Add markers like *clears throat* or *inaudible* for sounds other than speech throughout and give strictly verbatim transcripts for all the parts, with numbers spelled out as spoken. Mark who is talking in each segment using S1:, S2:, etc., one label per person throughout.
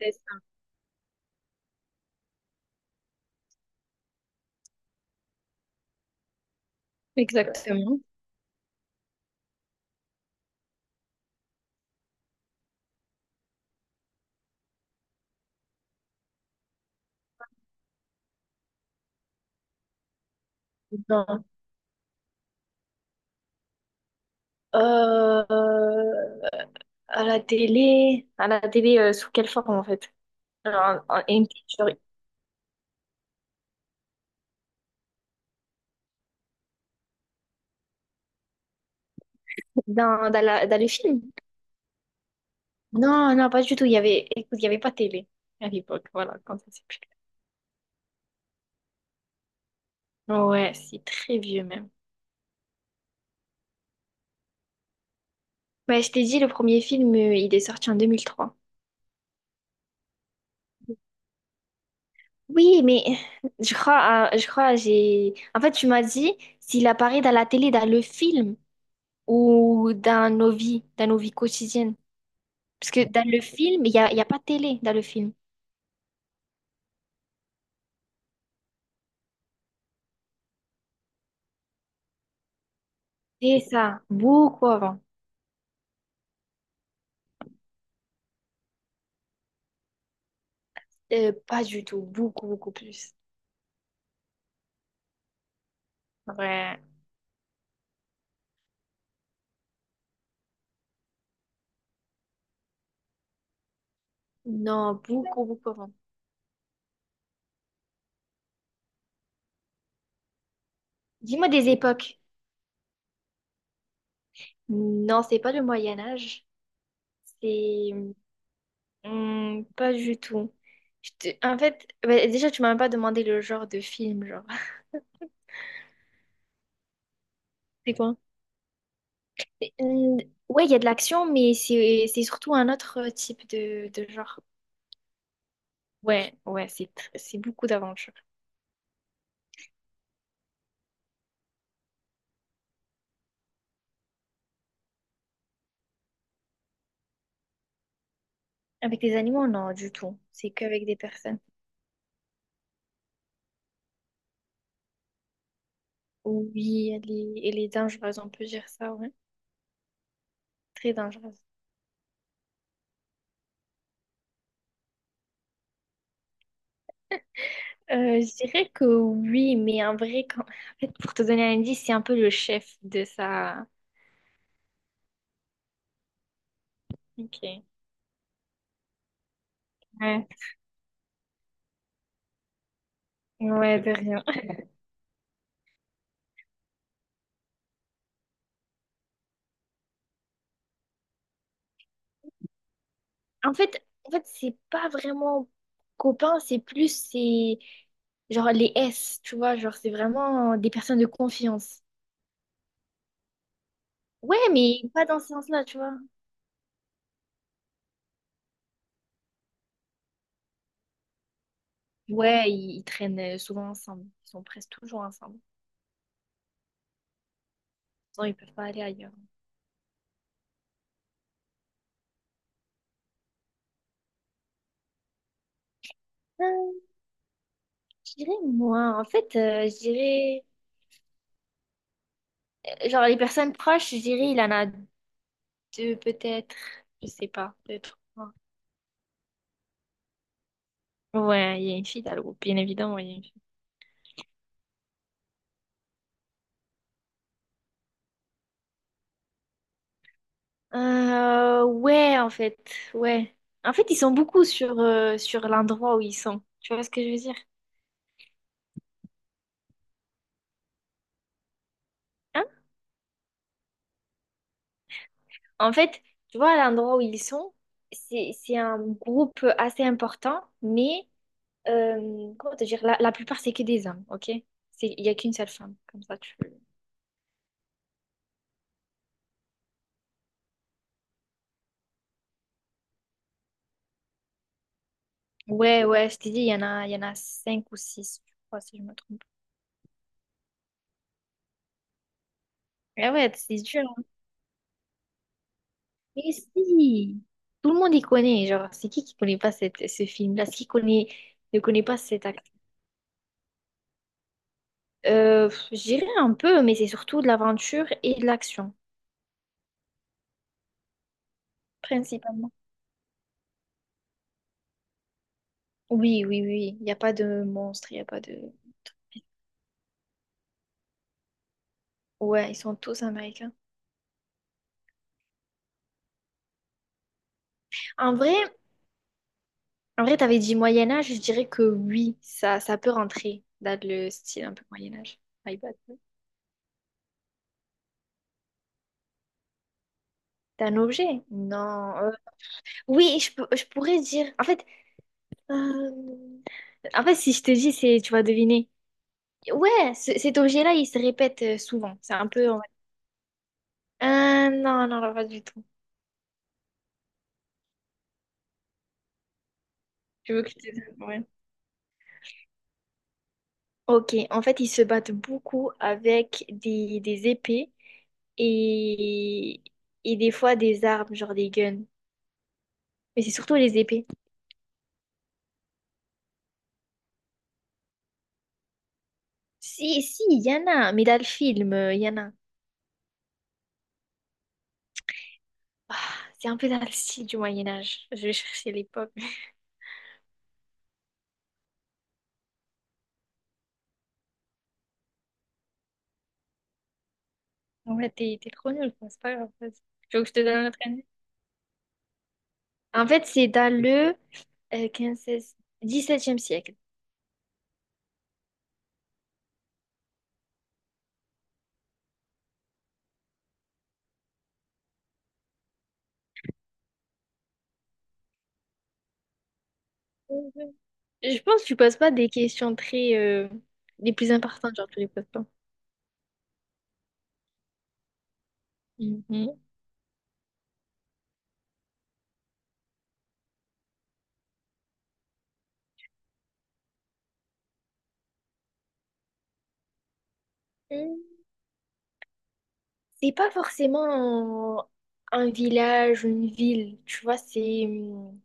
S1: C'est ça. Exactement. Non. Euh, alors, Dans, dans, la- dans le film? Non, non, pas du tout. Il y avait, écoute, il y avait pas de télé. À l'époque, voilà, quand ça s'est plus. Ouais, c'est très vieux même. Ouais, je t'ai dit, le premier film, euh, il est sorti en deux mille trois. Oui, mais je crois, euh, je crois, j'ai... En fait, tu m'as dit s'il apparaît dans la télé, dans le film ou dans nos vies, dans nos vies quotidiennes. Parce que dans le film, il y a, il y a pas de télé dans le film. C'est ça, beaucoup avant. Euh, pas du tout, beaucoup, beaucoup plus. Ouais. Non, beaucoup, beaucoup avant. Dis-moi des époques. Non, c'est pas le Moyen Âge. C'est hum, pas du tout. Je te- En fait, bah, déjà, tu m'as même pas demandé le genre de film, genre. C'est quoi? C'est- hum, Ouais, il y a de l'action, mais c'est c'est surtout un autre type de, de genre. Ouais, ouais, c'est tr- c'est beaucoup d'aventures. Avec les animaux, non, du tout. C'est qu'avec des personnes. Oui, elle est, elle est dangereuse, on peut dire ça, ouais. Très dangereuse. Euh, je dirais que oui, mais en vrai, quand- en fait, pour te donner un indice, c'est un peu le chef de sa... Ok. Ouais, ouais, de rien. En fait, en fait, c'est pas vraiment copain, c'est plus, c'est genre les S, tu vois, genre c'est vraiment des personnes de confiance. Ouais, mais pas dans ce sens-là, tu vois. Ouais, ils, ils traînent euh, souvent ensemble, ils sont presque toujours ensemble. Sinon, ils peuvent pas aller ailleurs. Euh, je dirais moi, en fait, euh, je dirais, genre les personnes proches, je dirais, il en a deux peut-être, je sais pas, deux, trois. Ouais, il y a une fille dans le groupe, bien évidemment, il y a une fille. Euh, ouais, en fait, ouais. En fait, ils sont beaucoup sur, euh, sur l'endroit où ils sont. Tu vois ce que je veux dire? Hein. En fait, tu vois, à l'endroit où ils sont, c'est, c'est un groupe assez important, mais euh, comment te dire, la, la plupart, c'est que des hommes, ok? C'est, il n'y a qu'une seule femme, comme ça, tu... Ouais, ouais, je t'ai dit, il y en a, il y en a cinq ou six, je crois, si je me trompe. Ah ouais, c'est dur, hein. Mais si, tout le monde y connaît. Genre, c'est qui qui connaît pas cette, ce film-là? C'est qui connaît, ne connaît pas cet acteur? Euh, je dirais un peu, mais c'est surtout de l'aventure et de l'action, principalement. Oui, oui, oui. Il n'y a pas de monstre, il n'y a pas de... Ouais, ils sont tous américains. En vrai, en vrai, t'avais dit Moyen-Âge, je dirais que oui, ça, ça peut rentrer dans le style un peu Moyen-Âge. My bad. T'as un objet? Non. euh, Oui, je, peux- je pourrais dire... En fait, euh, en fait, si je te dis, c'est, tu vas deviner. Ouais, ce- cet objet-là, il se répète euh, souvent. C'est un peu, en mode... Ah, non, non, non, pas du tout. Tu veux que je te dise? Ouais. Ok, en fait, ils se battent beaucoup avec des, des épées et, et des fois des armes, genre des guns. Mais c'est surtout les épées. Si, si, il y en a, mais dans le film, euh, il y en a. Ah, c'est un peu dans le style du Moyen-Âge. Je vais chercher l'époque. *laughs* En fait, t'es t'es trop nul, quoi, c'est pas grave. Vas-y. Tu veux que je te donne un autre indice? En fait, c'est dans le euh, quinze seize dix septième siècle. Je pense que tu poses pas des questions très euh, les plus importantes, genre tu les poses pas. Mhm. Mm. C'est pas forcément un, un village ou une ville, tu vois, c'est hum,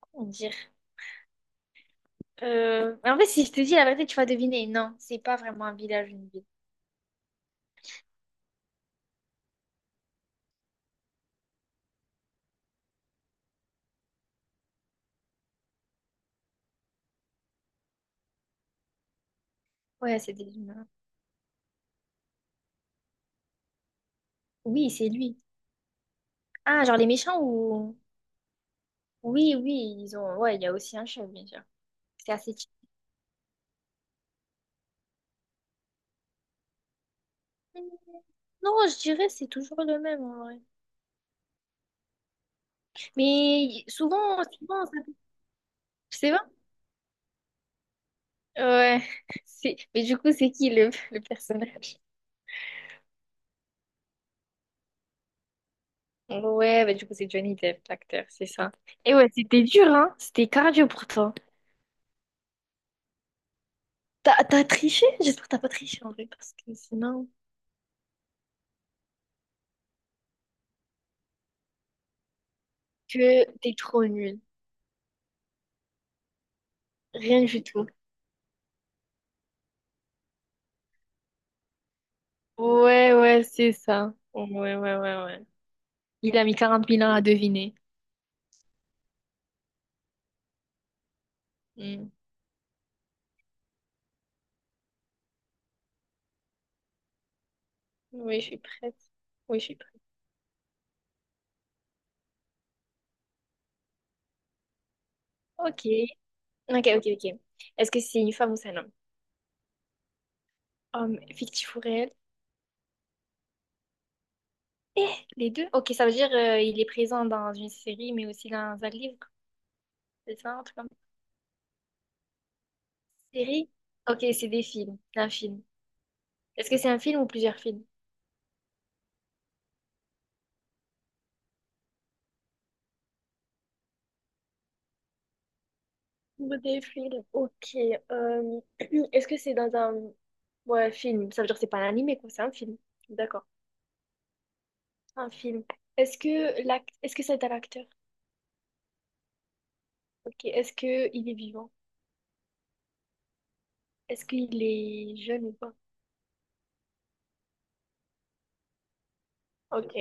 S1: comment dire. Euh, en fait, si je te dis la vérité, tu vas deviner. Non, c'est pas vraiment un village ou une ville. Ouais, c'est des humains. Oui, c'est lui. Ah, genre les méchants ou... Oui, oui, ils ont. Ouais, il y a aussi un chef, bien sûr. C'est assez typique. Hum, Non, je dirais c'est toujours le même en vrai. Mais souvent, souvent, ça... C'est... Ouais, c'est... mais du coup, c'est qui le, le personnage? Ouais, bah du coup, c'est Johnny Depp, l'acteur, c'est ça. Et ouais, c'était dur, hein? C'était cardio pour toi. T'as t'as triché? J'espère que t'as pas triché en vrai, parce que sinon, que t'es trop nul. Rien du tout. Ouais, ouais, c'est ça. Ouais, ouais, ouais, ouais. Il a mis quarante mille ans à deviner. Hmm. Oui, je suis prête. Oui, je suis prête. Ok. Ok, ok, ok. Est-ce que c'est une femme ou c'est un homme? Homme, fictif ou réel? Eh, les deux? Ok, ça veut dire euh, il est présent dans une série, mais aussi dans un livre, c'est ça, un truc comme ça? Série? Ok, c'est des films, un film. Est-ce que c'est un film ou plusieurs films? Des films, ok. euh, *clears throat* Est-ce que c'est dans un ouais, film? Ça veut dire que c'est pas un animé, quoi, c'est un film. D'accord, un film. Est-ce que l'act... est-ce que c'est un acteur? Ok. Est-ce que il est vivant? Est-ce qu'il est jeune ou pas? Ok.